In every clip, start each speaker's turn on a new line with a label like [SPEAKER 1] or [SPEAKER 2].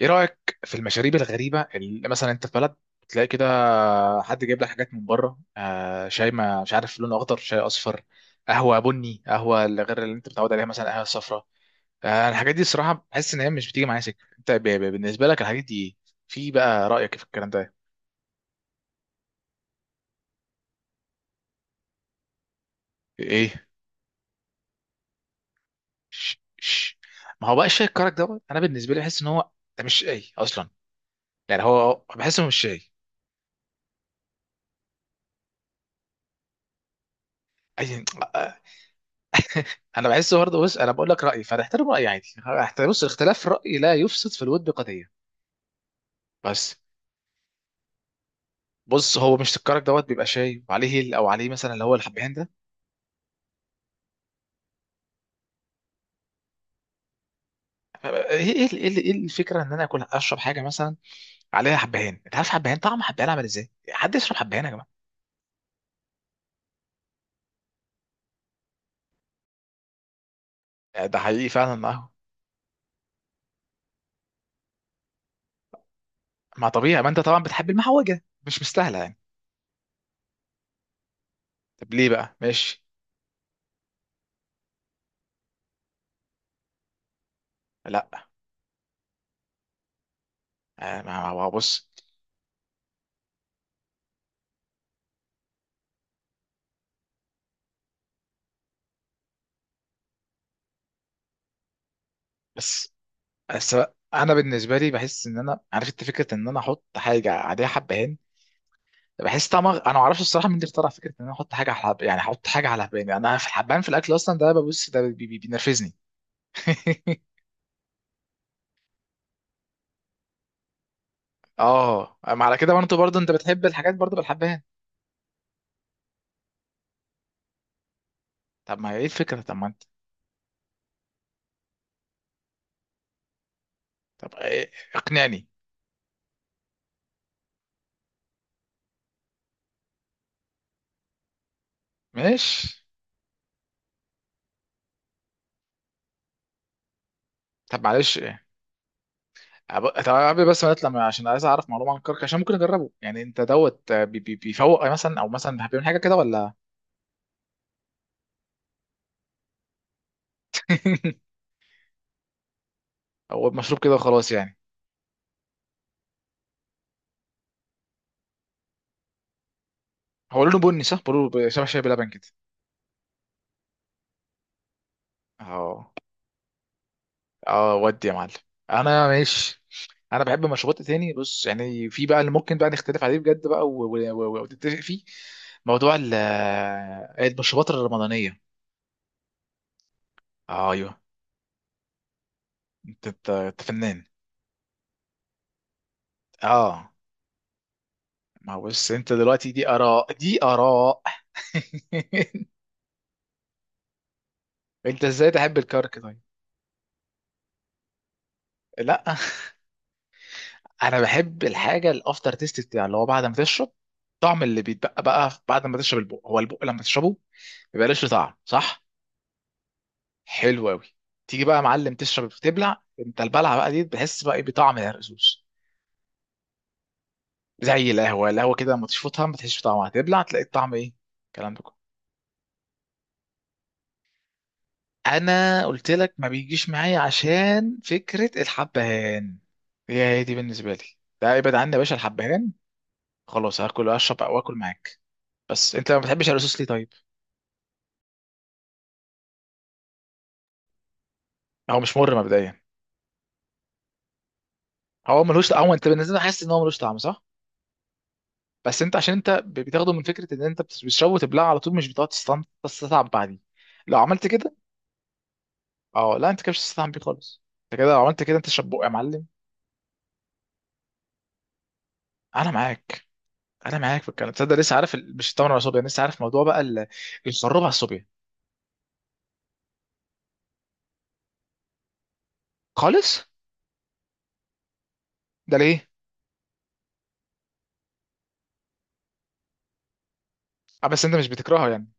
[SPEAKER 1] ايه رايك في المشاريب الغريبه اللي مثلا انت في بلد تلاقي كده، حد جايب لك حاجات من بره، شاي ما مش عارف لونه اخضر، شاي اصفر، قهوه بني، قهوه اللي غير اللي انت متعود عليها، مثلا قهوه صفراء. الحاجات دي الصراحه بحس ان هي مش بتيجي معايا سكه. انت بالنسبه لك الحاجات دي إيه؟ في بقى رايك في الكلام ده ايه؟ ش ش ما هو بقى الشاي الكرك دوت، انا بالنسبه لي بحس ان هو ده مش شاي اصلا، يعني هو بحسه مش شاي. أي- انا بحس برضه. بص انا بقول لك رايي فهتحترم رايي عادي، هحترم. بص الاختلاف الراي لا يفسد في الود قضيه. بس بص هو مش الكرك دوت بيبقى شاي وعليه هيل، او عليه مثلا اللي هو الحبهان ده. ايه ايه ايه إيه إيه الفكره ان انا اكل اشرب حاجه مثلا عليها حبهان؟ انت عارف حبهان، طعم حبهان عامل ازاي؟ حد يشرب حبهان يا جماعه؟ ده حقيقي فعلا. ما ما طبيعي، ما انت طبعا بتحب المحوجه مش مستاهله يعني. طب ليه بقى؟ ماشي. لا. آه، ما بص. بس بس انا بالنسبه لي بحس ان انا عارف انت، فكره ان انا احط حاجه عليها حبهان، بحس طعمها انا ما اعرفش الصراحه. مين اللي اخترع فكره ان انا احط حاجه على يعني احط حاجه على حباني؟ انا في الحبان في الاكل اصلا، ده ببص ده بينرفزني. اه ما على كده، برضه برضه انت بتحب الحاجات برضه بالحبان. طب ما هي ايه الفكره؟ طب ما انت طب اقنعني. ماشي. طب معلش إيه. طب قبل بس ما نطلع من- عشان عايز اعرف معلومه عن الكرك عشان ممكن اجربه يعني. انت دوت، بيفوق مثلا، او مثلا بيعمل حاجه كده ولا؟ هو مشروب كده وخلاص يعني. هو لونه بني صح، بيقولوا شبه شاي بلبن كده. اه. اه ودي يا معلم. انا ماشي. انا بحب مشروبات تاني. بص يعني في بقى اللي ممكن بقى نختلف عليه بجد بقى ونتفق فيه. موضوع المشروبات الرمضانيه. آه ايوه. انت انت أنت فنان. اه ما هو بص، انت دلوقتي دي اراء دي اراء. انت ازاي تحب الكرك طيب؟ لا. انا بحب الحاجه الافتر تيست بتاع، اللي هو بعد ما تشرب طعم اللي بيتبقى بقى بعد ما تشرب البق. هو البق لما تشربه ما بيبقاش له طعم، صح؟ حلو قوي. تيجي بقى يا معلم تشرب تبلع انت البلعه بقى دي بتحس بقى ايه بطعم الرز. زي القهوه، القهوه كده لما تشفطها ما تحسش بطعمها، تبلع تلاقي الطعم ايه. الكلام ده كله انا قلت لك ما بيجيش معايا عشان فكره الحبهان، هي هي دي بالنسبه لي. ده ابعد عني يا باشا الحبهان. خلاص هاكل واشرب واكل معاك. بس انت ما بتحبش الرصاص ليه طيب؟ هو مش مر مبدئيا، هو ملوش. هو انت بالنسبه لك حاسس ان هو ملوش طعم، صح؟ بس انت عشان انت بتاخده من فكره ان انت بتشربه وتبلعه على طول، مش بتقعد تستطعم بعديه. لو عملت كده. اه لا، انت كده مش هتستطعم بيه خالص. انت كده لو عملت كده انت شبوق يا معلم. انا معاك. انا معاك في الكلام. تصدق لسه عارف مش التمر ولا الصوبيا، لسه عارف موضوع بقى الخروب على الصوبيا. خالص. ده ليه؟ اه بس انت مش بتكرهه يعني.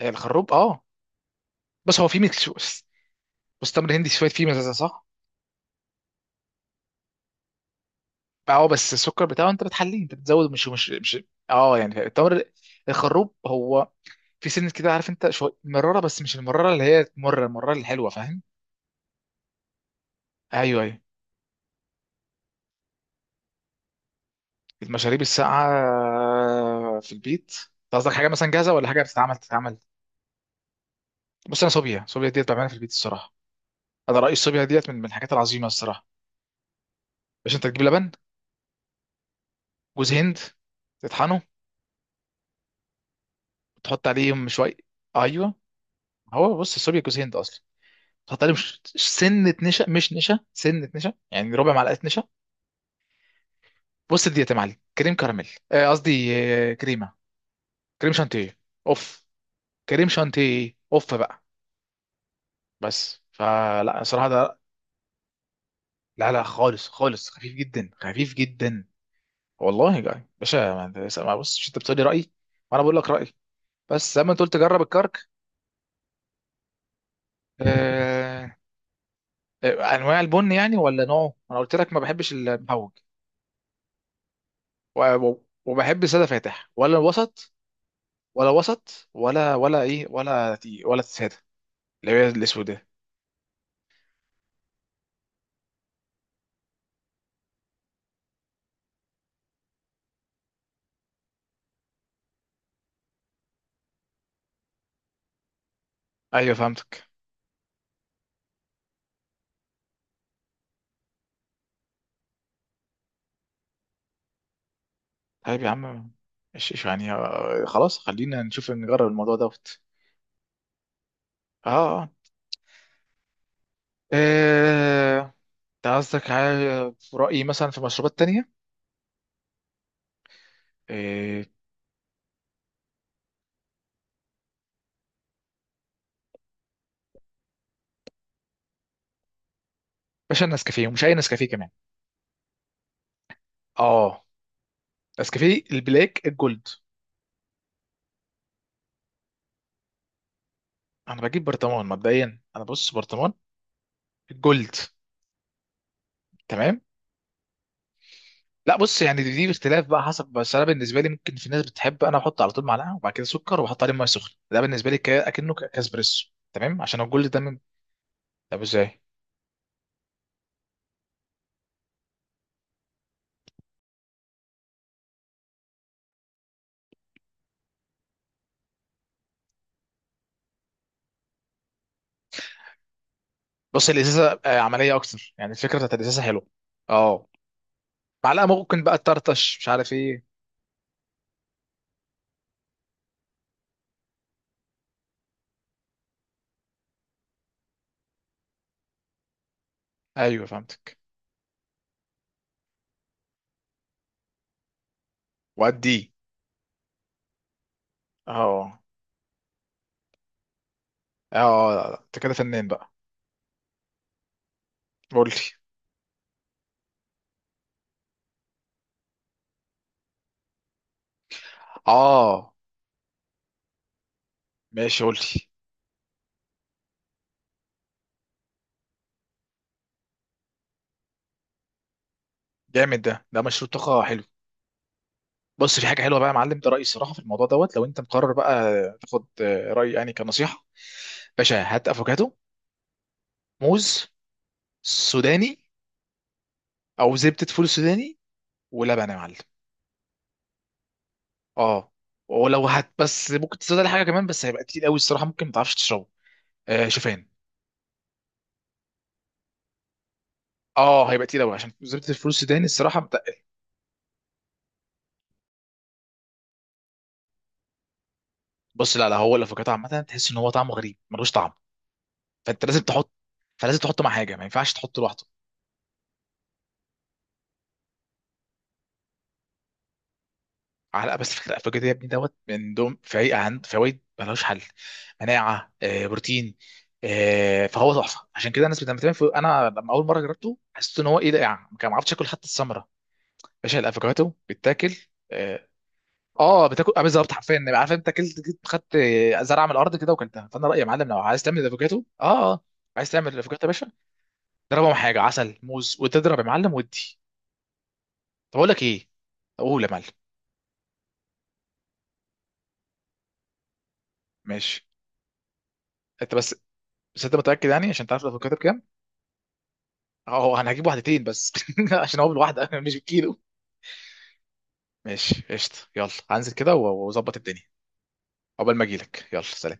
[SPEAKER 1] هي الخروب اه، بس هو فيه ميكس. بس تمر هندي شويه فيه مزازه، صح؟ اه بس السكر بتاعه انت بتحليه انت بتزود، مش. اه يعني التمر، الخروب هو في سنة كده، عارف انت شوية مرارة، بس مش المرارة اللي هي تمر، المرارة الحلوة، فاهم؟ ايوه ايوه. المشاريب الساقعة في البيت. انت قصدك حاجة مثلا جاهزة، ولا حاجة بتتعمل تتعمل؟ بص انا صوبيا، صوبيا ديت بعملها في البيت الصراحة. انا رأيي الصوبيا ديت من الحاجات العظيمة الصراحة. باش انت تجيب لبن، جوز هند، تطحنه، تحط عليه شوية. ايوه. هو بص الصوبيا جوز هند اصلا، تحط عليه مش سنة نشا، مش نشا سنة نشا، يعني ربع معلقة نشا. بص ديت يا معلم كريم كراميل، قصدي كريمة، كريم شانتيه. اوف. كريم شانتيه اوف بقى. بس فلا صراحه ده. لا لا خالص خالص، خفيف جدا خفيف جدا. والله يا جاي باشا، ما بص، مش انت بتقولي رايي وانا بقول لك رايي؟ بس زي ما انت قلت جرب الكرك. آه... انواع البن يعني ولا نوعه؟ انا قلت لك ما بحبش المهوج. وبحب ساده فاتح ولا وسط، ولا وسط ولا ولا ايه، ولا تي ولا ساده اللي هي الاسودة. ايوه فهمتك. طيب يا عم. إيش يعني، خلاص خلينا نشوف نجرب الموضوع ده. اه اه. آه، انت قصدك على في رأيي مثلا في مشروبات تانية؟ آه، باشا النسكافيه، ومش أي نسكافيه كمان. اه، نسكافيه البلاك الجولد. أنا بجيب برطمان مبدئيا، أنا بص برطمان الجولد. تمام. لا بص يعني دي اختلاف بقى حسب، بس أنا بالنسبة لي ممكن في ناس بتحب، أنا أحط على طول معلقة وبعد كده سكر وأحط عليه مية سخنة، ده بالنسبة لي أكنه كاسبريسو. تمام، عشان الجولد ده من. طب إزاي؟ بص الإزازة عملية أكتر يعني، الفكرة بتاعت الإزازة حلوة. اه. معلقة ممكن بقى تطرطش مش عارف إيه. ايوه فهمتك. وادي. اه. اه لا، لا، انت كده فنان بقى. قولي. اه ماشي قولي. جامد ده، ده مشروع طاقه حلو. بص في حاجه حلوه بقى يا معلم، ده رايي الصراحه في الموضوع دوت لو انت مقرر بقى تاخد رايي يعني كنصيحه. باشا، هات افوكادو، موز، سوداني، او زبده فول سوداني، ولبن يا معلم. اه. ولو هات بس ممكن تزود على حاجه كمان، بس هيبقى كتير قوي الصراحه ممكن ما تعرفش تشربه. آه شوفان. اه هيبقى تقيل قوي عشان زبده الفول السوداني الصراحه. بص لا لا، هو الافوكادو عامه تحس ان هو طعمه غريب ملوش طعم، فانت لازم تحط، فلازم تحطه مع حاجه ما ينفعش تحطه لوحده. على بس. فكره الافوكادو يا ابني دوت من دوم في عند فوائد ملوش حل، مناعه، بروتين، فهو تحفه. عشان كده الناس بتعمل في. انا لما اول مره جربته حسيت ان هو ايه ده يعني، ما عرفتش اكل حتى الثمره. باشا الافوكادو بيتاكل. اه. بتاكل بالظبط حرفيا يعني، عارف انت اكلت جيت خدت زرعه من الارض كده وكلتها. فانا رايي يا معلم لو عايز تعمل الافوكادو اه اه، عايز تعمل الافوكادو يا باشا، ضربهم حاجه عسل موز وتضرب يا معلم ودي. طب اقول لك ايه، اقول يا معلم. ماشي. انت بس. بس انت متاكد يعني، عشان تعرف الافوكاتو بكام؟ اه انا هجيب واحدتين بس، عشان هو بالواحده مش بالكيلو. ماشي قشطه، يلا هنزل كده واظبط الدنيا. عقبال ما اجيلك، يلا سلام.